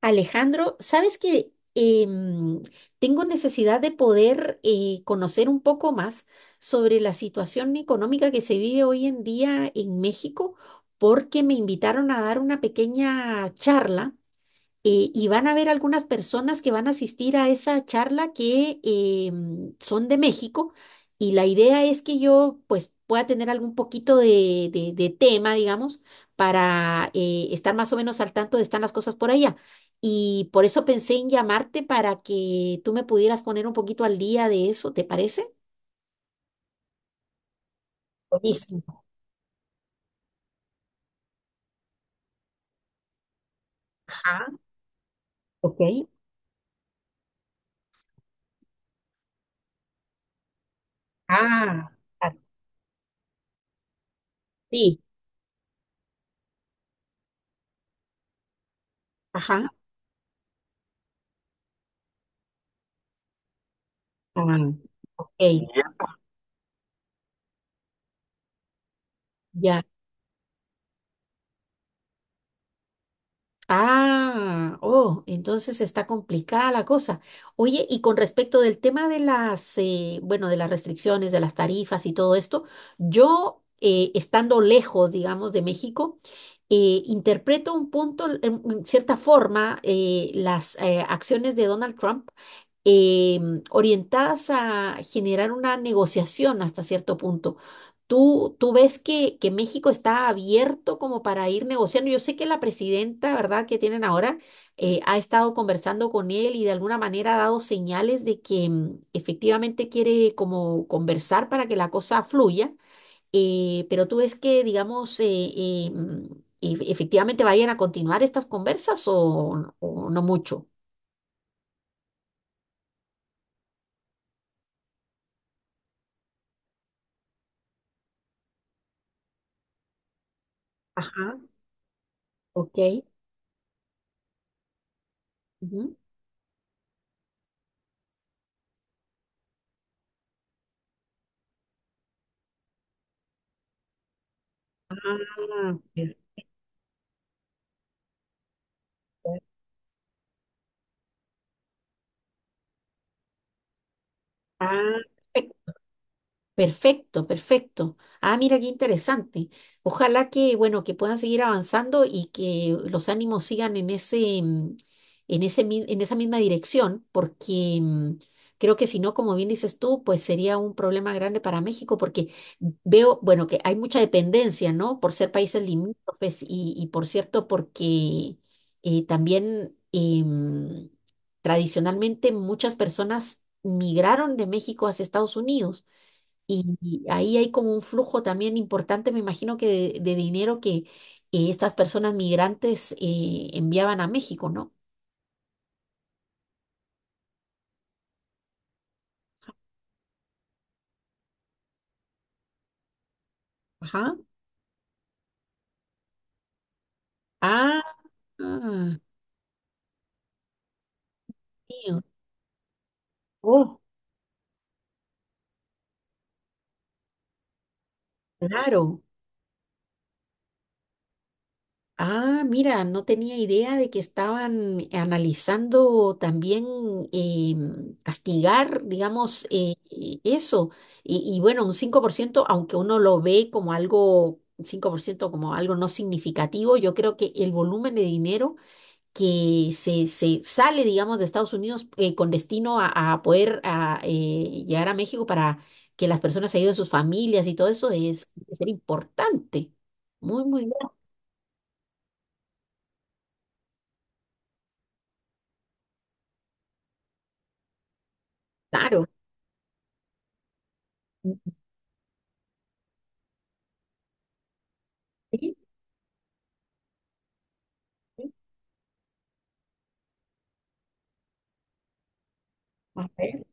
Alejandro, sabes que tengo necesidad de poder conocer un poco más sobre la situación económica que se vive hoy en día en México, porque me invitaron a dar una pequeña charla y van a haber algunas personas que van a asistir a esa charla que son de México y la idea es que yo pues pueda tener algún poquito de tema, digamos, para estar más o menos al tanto de están las cosas por allá. Y por eso pensé en llamarte para que tú me pudieras poner un poquito al día de eso, ¿te parece? Buenísimo. Ajá, ok. Ah, a ti. Ajá. Ah, ok. Ya. Ah, oh, entonces está complicada la cosa. Oye, y con respecto del tema de las, bueno, de las restricciones, de las tarifas y todo esto, yo, estando lejos, digamos, de México, interpreto un punto, en cierta forma, las acciones de Donald Trump orientadas a generar una negociación hasta cierto punto. ¿Tú ves que México está abierto como para ir negociando? Yo sé que la presidenta, ¿verdad?, que tienen ahora, ha estado conversando con él y de alguna manera ha dado señales de que efectivamente quiere como conversar para que la cosa fluya, pero tú ves que, digamos, eh, mm, efectivamente vayan a continuar estas conversas o no mucho. Ajá, ok. Ujú. Ah, perfecto. Ah, perfecto, perfecto. Ah, mira qué interesante. Ojalá que, bueno, que puedan seguir avanzando y que los ánimos sigan en ese, en en esa misma dirección, porque creo que si no, como bien dices tú, pues sería un problema grande para México, porque veo, bueno, que hay mucha dependencia, ¿no? Por ser países limítrofes y por cierto, porque eh, también em, tradicionalmente muchas personas migraron de México hacia Estados Unidos. Y ahí hay como un flujo también importante, me imagino que de dinero que estas personas migrantes enviaban a México, ¿no? Ajá. Ah, ah, mío. Oh, claro. Ah, mira, no tenía idea de que estaban analizando también eh, castigar, digamos, eso. Y bueno, un 5% aunque uno lo ve como algo, un 5% como algo no significativo, yo creo que el volumen de dinero que se sale, digamos, de Estados Unidos con destino a poder llegar a México para que las personas se ayuden a sus familias y todo eso es importante. Muy, muy claro. Sí, sí. A ver.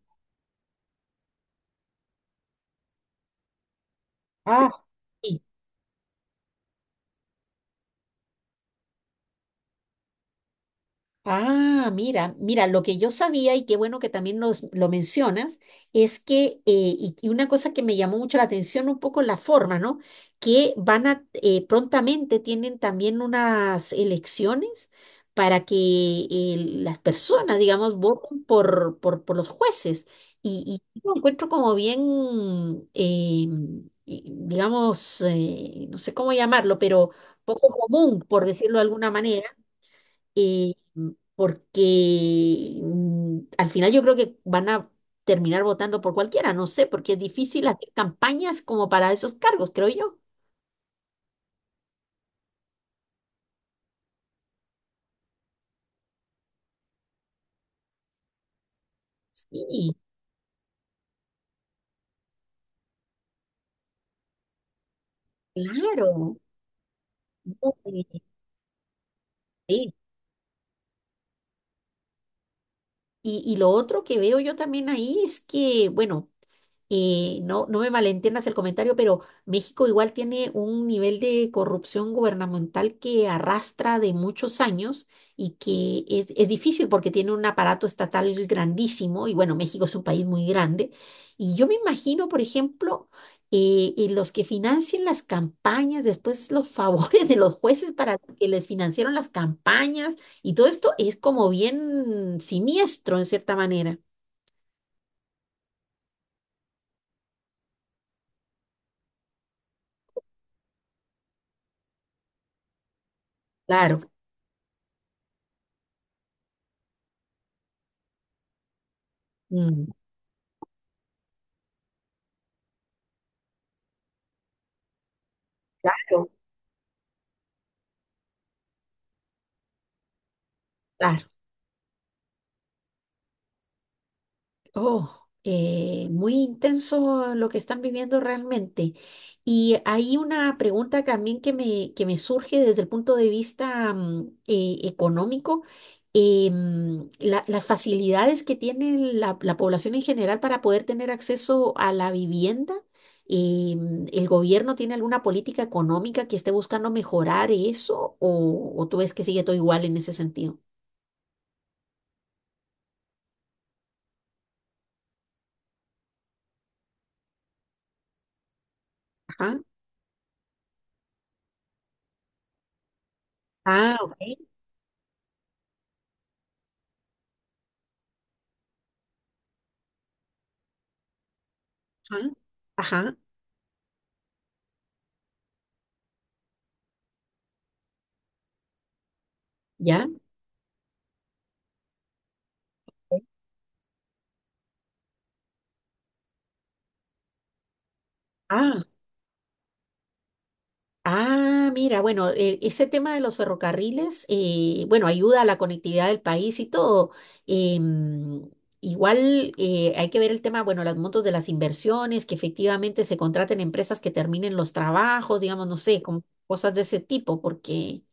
Ah, sí. Ah, mira, mira, lo que yo sabía y qué bueno que también lo mencionas, es que, y una cosa que me llamó mucho la atención, un poco la forma, ¿no? Que van a, prontamente tienen también unas elecciones para que las personas, digamos, voten por los jueces. Y lo encuentro como bien, eh, digamos, no sé cómo llamarlo, pero poco común, por decirlo de alguna manera eh, porque al final yo creo que van a terminar votando por cualquiera, no sé, porque es difícil hacer campañas como para esos cargos, creo yo. Sí, claro. Uy, sí. Y lo otro que veo yo también ahí es que, bueno, no, no me malentiendas el comentario, pero México igual tiene un nivel de corrupción gubernamental que arrastra de muchos años y que es difícil porque tiene un aparato estatal grandísimo y bueno, México es un país muy grande. Y yo me imagino, por ejemplo, los que financian las campañas, después los favores de los jueces para que les financiaron las campañas y todo esto es como bien siniestro en cierta manera. Claro, mm, claro. Oh, muy intenso lo que están viviendo realmente. Y hay una pregunta también que me surge desde el punto de vista económico. Las facilidades que tiene la, la población en general para poder tener acceso a la vivienda. ¿El gobierno tiene alguna política económica que esté buscando mejorar eso? O tú ves que sigue todo igual en ese sentido? Ajá. Ah, ok. Ajá. Ajá. ¿Ya? Ah, ah, mira, bueno, ese tema de los ferrocarriles, bueno, ayuda a la conectividad del país y todo. Em, igual hay que ver el tema, bueno, los montos de las inversiones, que efectivamente se contraten empresas que terminen los trabajos, digamos, no sé, como cosas de ese tipo, porque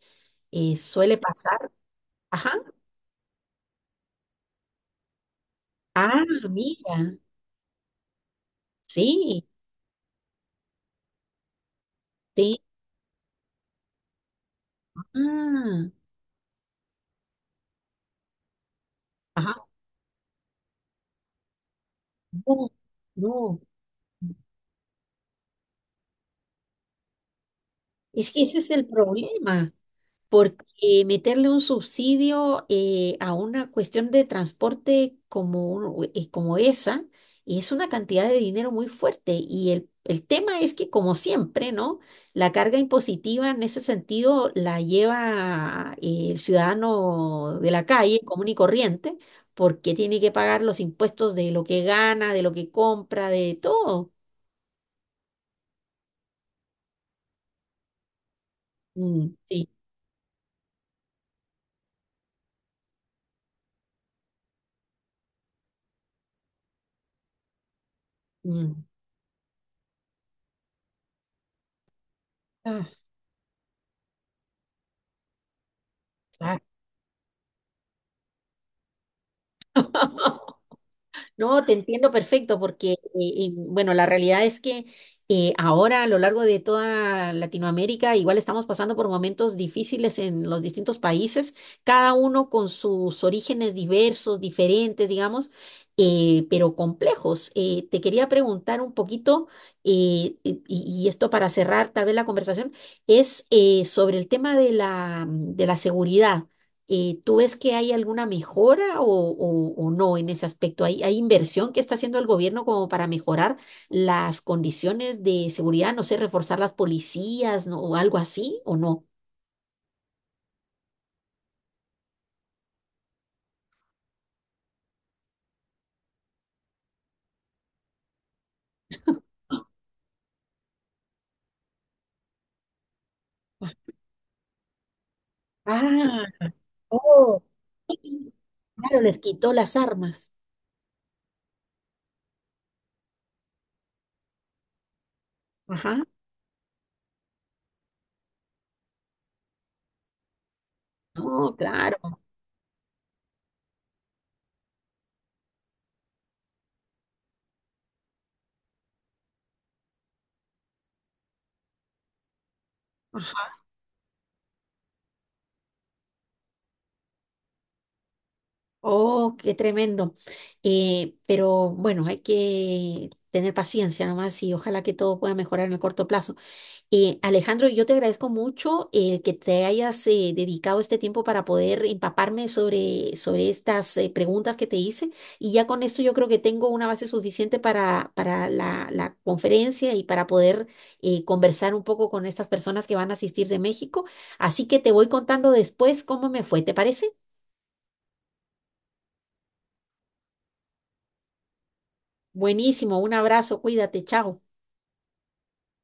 suele pasar. Ajá. Ah, mira, sí, sí. Ah, ajá, no, no. Es que ese es el problema. Porque meterle un subsidio a una cuestión de transporte como, como esa es una cantidad de dinero muy fuerte. Y el tema es que, como siempre, ¿no? La carga impositiva en ese sentido la lleva el ciudadano de la calle, común y corriente, porque tiene que pagar los impuestos de lo que gana, de lo que compra, de todo. Mm, sí. Mm. Ah, claro. No, te entiendo perfecto porque, bueno, la realidad es que ahora a lo largo de toda Latinoamérica igual estamos pasando por momentos difíciles en los distintos países, cada uno con sus orígenes diversos, diferentes, digamos, pero complejos. Te quería preguntar un poquito, y esto para cerrar tal vez la conversación, es sobre el tema de la seguridad ¿tú ves que hay alguna mejora o no en ese aspecto? ¿Hay, hay inversión que está haciendo el gobierno como para mejorar las condiciones de seguridad, no sé, reforzar las policías, ¿no? o algo así, o no? Ah, oh, claro, les quitó las armas. Ajá. No, claro. Ajá. Oh, qué tremendo. Pero bueno, hay que tener paciencia nomás y ojalá que todo pueda mejorar en el corto plazo. Alejandro, yo te agradezco mucho el que te hayas dedicado este tiempo para poder empaparme sobre, sobre estas preguntas que te hice y ya con esto yo creo que tengo una base suficiente para la, la conferencia y para poder conversar un poco con estas personas que van a asistir de México. Así que te voy contando después cómo me fue, ¿te parece? Buenísimo, un abrazo, cuídate, chao.